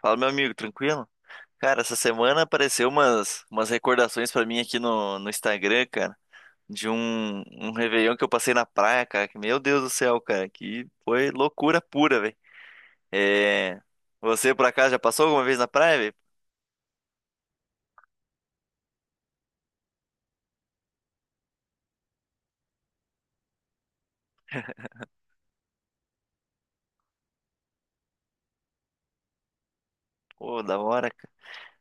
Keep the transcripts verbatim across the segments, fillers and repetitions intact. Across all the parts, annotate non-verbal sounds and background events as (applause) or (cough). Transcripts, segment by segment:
Fala, meu amigo, tranquilo? Cara, essa semana apareceu umas, umas recordações pra mim aqui no, no Instagram, cara, de um, um Réveillon que eu passei na praia, cara, que, meu Deus do céu, cara, que foi loucura pura, velho. É, você, por acaso, já passou alguma vez na praia, velho? Pô, da hora, cara.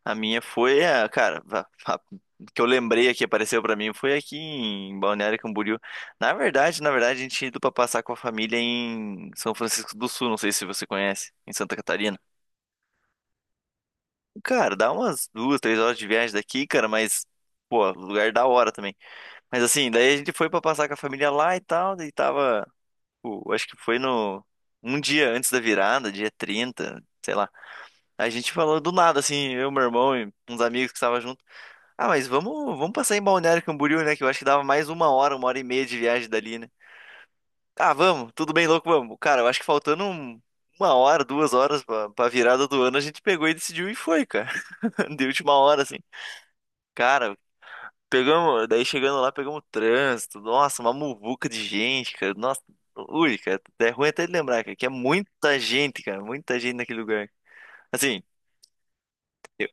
A minha foi, a, cara, a, a- que eu lembrei aqui, apareceu pra mim, foi aqui em Balneário Camboriú. Na verdade, na verdade, a gente tinha ido pra passar com a família em São Francisco do Sul, não sei se você conhece, em Santa Catarina. Cara, dá umas duas, três horas de viagem daqui, cara, mas, pô, lugar da hora também. Mas assim, daí a gente foi pra passar com a família lá e tal, daí tava, pô, acho que foi no, um dia antes da virada, dia trinta sei lá. A gente falou do nada, assim, eu, meu irmão e uns amigos que estavam junto. Ah, mas vamos, vamos passar em Balneário Camboriú, né, que eu acho que dava mais uma hora, uma hora e meia de viagem dali, né. Ah, vamos, tudo bem louco, vamos. Cara, eu acho que faltando um- uma hora, duas horas pra, pra virada do ano, a gente pegou e decidiu e foi, cara, (laughs) de última hora, assim. Cara, pegamos, daí chegando lá, pegamos trânsito. Nossa, uma muvuca de gente, cara. Nossa, ui, cara, é ruim até de lembrar, cara, que é muita gente, cara, muita gente naquele lugar. Assim, eu-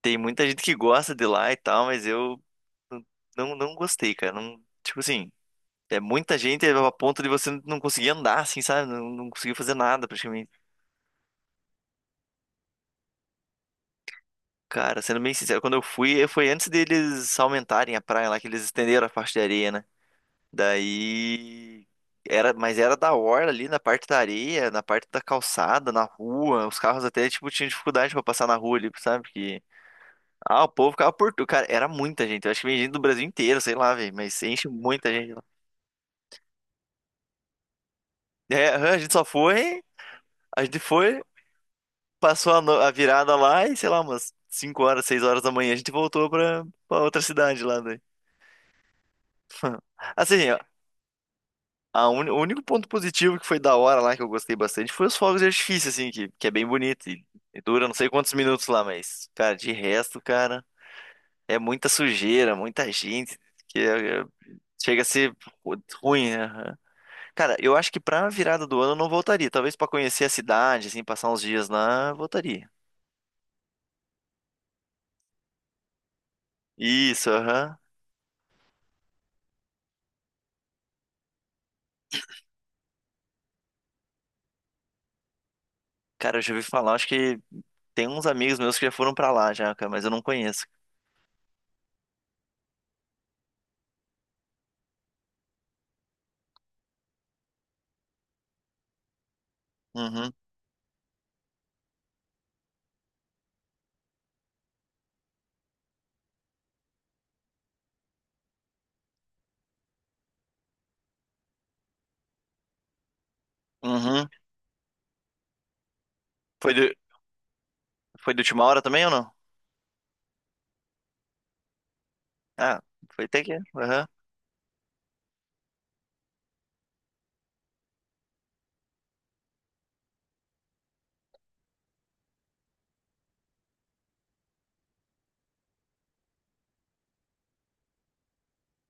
tem muita gente que gosta de lá e tal, mas eu não, não gostei, cara. Não, tipo assim, é muita gente a ponto de você não conseguir andar, assim, sabe? Não, não conseguir fazer nada praticamente. Cara, sendo bem sincero, quando eu fui, eh, foi antes deles aumentarem a praia lá, que eles estenderam a faixa de areia, né? Daí era, mas era da hora ali na parte da areia, na parte da calçada, na rua. Os carros até tipo tinham dificuldade pra passar na rua ali, sabe? Porque ah, o povo ficava por tudo, cara, era muita gente. Eu acho que vem gente do Brasil inteiro, sei lá, velho, mas enche muita gente lá. É, aham, a gente só foi, a gente foi, passou a, no- a virada lá e sei lá, umas cinco horas, seis horas da manhã a gente voltou pra, pra outra cidade lá, daí. Assim, A un- o único ponto positivo que foi da hora lá, que eu gostei bastante, foi os fogos de artifício, assim, que, que é bem bonito e, e dura não sei quantos minutos lá, mas, cara, de resto, cara, é muita sujeira, muita gente, que é- é- chega a ser ru- ruim, né? Aham. Cara, eu acho que pra virada do ano eu não voltaria, talvez pra conhecer a cidade, assim, passar uns dias lá, eu voltaria. Isso, aham. Cara, eu já ouvi falar, acho que tem uns amigos meus que já foram pra lá já, cara, mas eu não conheço. Uhum, uhum. Foi do, foi de última hora também ou não? Ah, foi até que. Aham.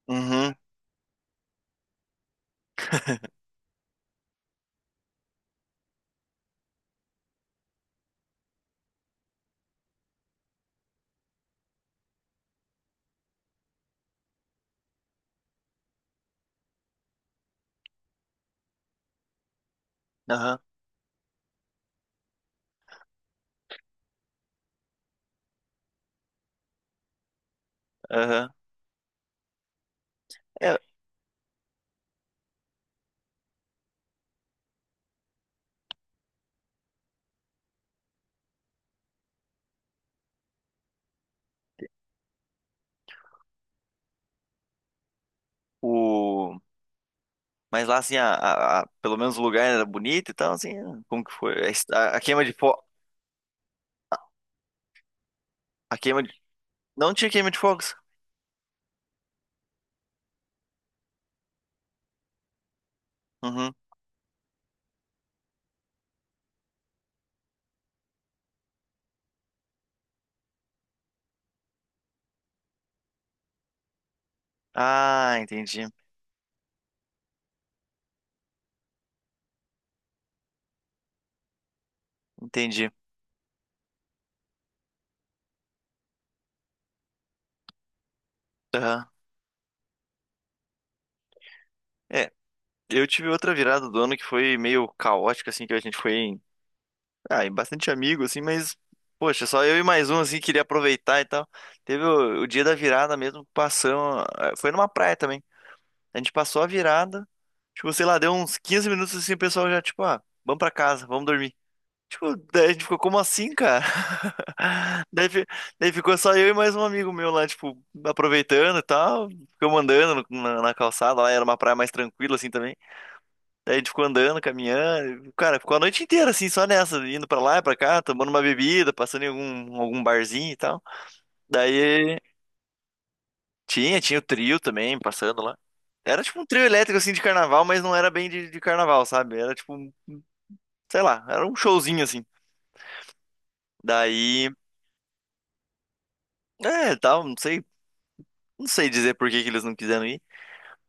Uhum. (laughs) Aham. Aham. É, o... Mas lá, assim, a, a- a- pelo menos o lugar era bonito e tal, assim. Como que foi? A, est- a- a queima de fogo. A queima de. Não tinha queima de fogos. Uhum. Ah, entendi. Entendi. Aham. É. Eu tive outra virada do ano que foi meio caótica, assim, que a gente foi em. Ah, em bastante amigo, assim, mas. Poxa, só eu e mais um, assim, queria aproveitar e tal. Teve o, o dia da virada mesmo, passamos. ah, Foi numa praia também. A gente passou a virada. Tipo, sei lá, deu uns quinze minutos assim, o pessoal já, tipo, ah, vamos pra casa, vamos dormir. Tipo, daí a gente ficou, como assim, cara? (laughs) Daí, fi- daí ficou só eu e mais um amigo meu lá, tipo, aproveitando e tal. Ficamos andando no- na, na calçada lá, era uma praia mais tranquila assim também. Daí a gente ficou andando, caminhando. e, Cara, ficou a noite inteira assim, só nessa, indo pra lá e pra cá, tomando uma bebida, passando em algum, algum barzinho e tal. Daí. Tinha, tinha o trio também passando lá. Era tipo um trio elétrico assim de carnaval, mas não era bem de, de carnaval, sabe? Era tipo, um- sei lá, era um showzinho assim. Daí, é, tal, não sei, não sei dizer por que que eles não quiseram ir.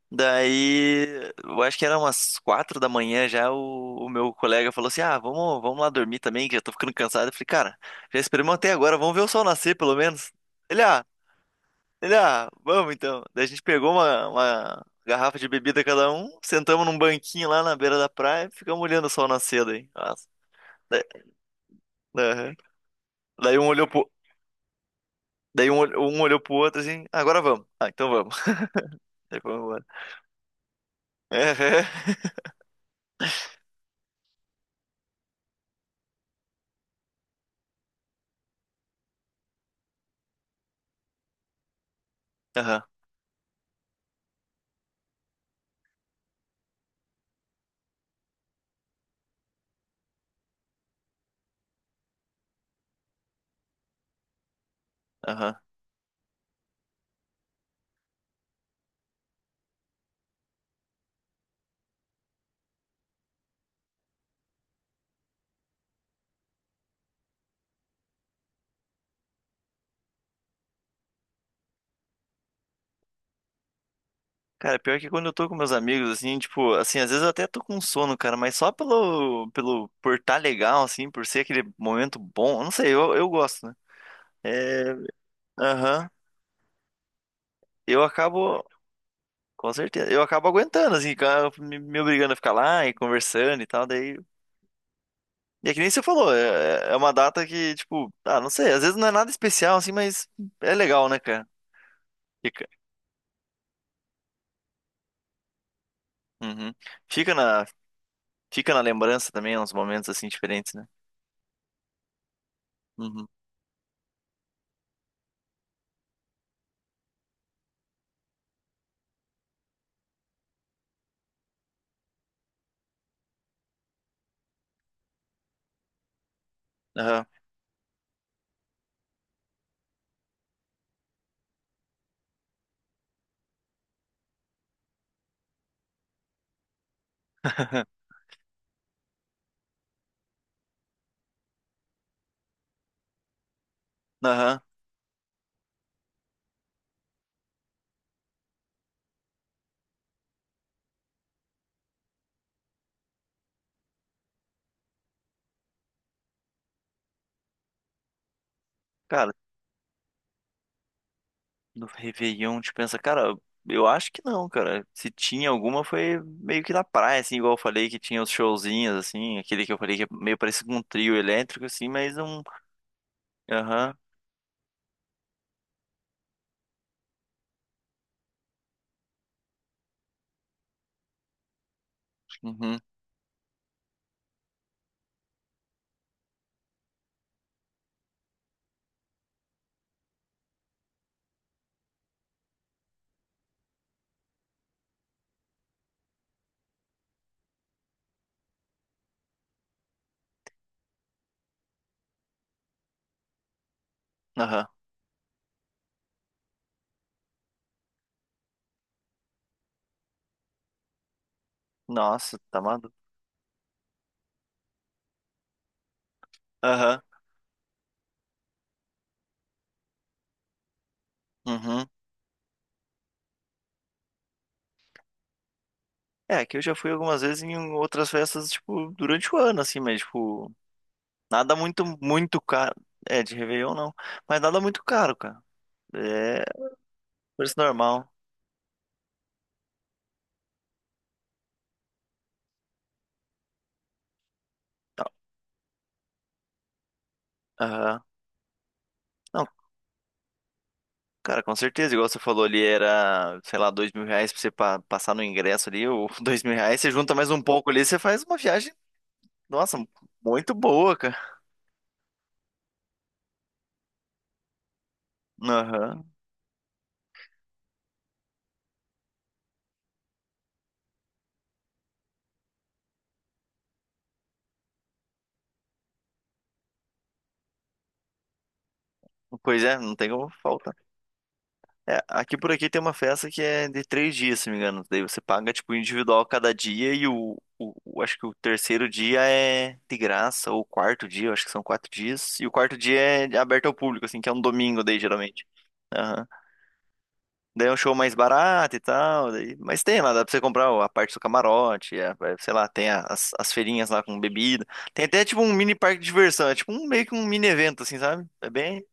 Daí, eu acho que era umas quatro da manhã já o, o meu colega falou assim: "Ah, vamos, vamos lá dormir também, que já tô ficando cansado". Eu falei: "Cara, já esperamos até agora, vamos ver o sol nascer pelo menos". Ele: "Ah, Ele, ah, vamos então. Daí a gente pegou uma, uma garrafa de bebida cada um, sentamos num banquinho lá na beira da praia e ficamos olhando o sol nascer daí. Nossa. Daí, aham. Daí um olhou pro, daí um, olh- um olhou pro outro assim, "Ah, agora vamos. Ah, então vamos. (laughs) Daí vamos embora. Aham, aham. Aham. Cara, pior que quando eu tô com meus amigos, assim, tipo, assim, às vezes eu até tô com sono, cara, mas só pelo, pelo, por tá legal, assim, por ser aquele momento bom, eu não sei, eu, eu gosto, né? É, aham. Eu acabo. Com certeza. Eu acabo aguentando, assim, ca- me, me obrigando a ficar lá e conversando e tal. Daí. E é que nem você falou, é, é é uma data que, tipo, ah, não sei, às vezes não é nada especial, assim, mas é legal, né, cara? Fica. Uhum. Fica na, fica na lembrança também, uns momentos assim diferentes, né? Uhum. Aham. (laughs) Aham. Cara, no Réveillon, te pensa, cara, eu acho que não, cara. Se tinha alguma, foi meio que na praia, assim, igual eu falei, que tinha os showzinhos, assim, aquele que eu falei que é meio parecido com um trio elétrico, assim, mas um. Aham. Uhum. Aham. Nossa, tá maluco. Aham. Uhum. É, que eu já fui algumas vezes em outras festas, tipo, durante o ano, assim, mas, tipo, nada muito, muito caro. É, de Réveillon não. Mas nada muito caro, cara. É, preço normal. Aham. Não, cara, com certeza. Igual você falou ali, era, sei lá, dois mil reais pra você pa- passar no ingresso ali, ou (laughs) dois mil reais, você junta mais um pouco ali, você faz uma viagem, nossa, muito boa, cara. Aham. Pois é, não tem como faltar. É, aqui por aqui tem uma festa que é de três dias, se não me engano. Daí você paga, tipo, individual cada dia e o, o, o- acho que o terceiro dia é de graça, ou o quarto dia, eu acho que são quatro dias. E o quarto dia é aberto ao público, assim, que é um domingo daí, geralmente. Aham. Daí é um show mais barato e tal, daí... mas tem lá, dá pra você comprar a parte do camarote, é, é, sei lá, tem a- as, as feirinhas lá com bebida. Tem até, tipo, um mini parque de diversão, é tipo um, meio que um mini evento, assim, sabe? É bem...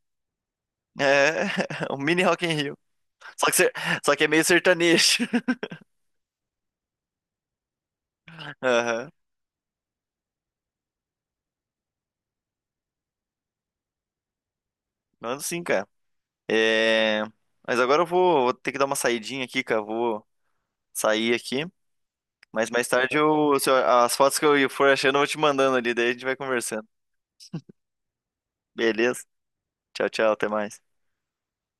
É, (laughs) um mini Rock in Rio. Só que, ser- Só que é meio sertanejo. (laughs) Aham. Mando sim, cara. É... Mas agora eu vou, vou ter que dar uma saidinha aqui, cara. Vou sair aqui. Mas mais tarde eu, se eu- as fotos que eu for achando, eu vou te mandando ali. Daí a gente vai conversando. Beleza? Tchau, tchau. Até mais.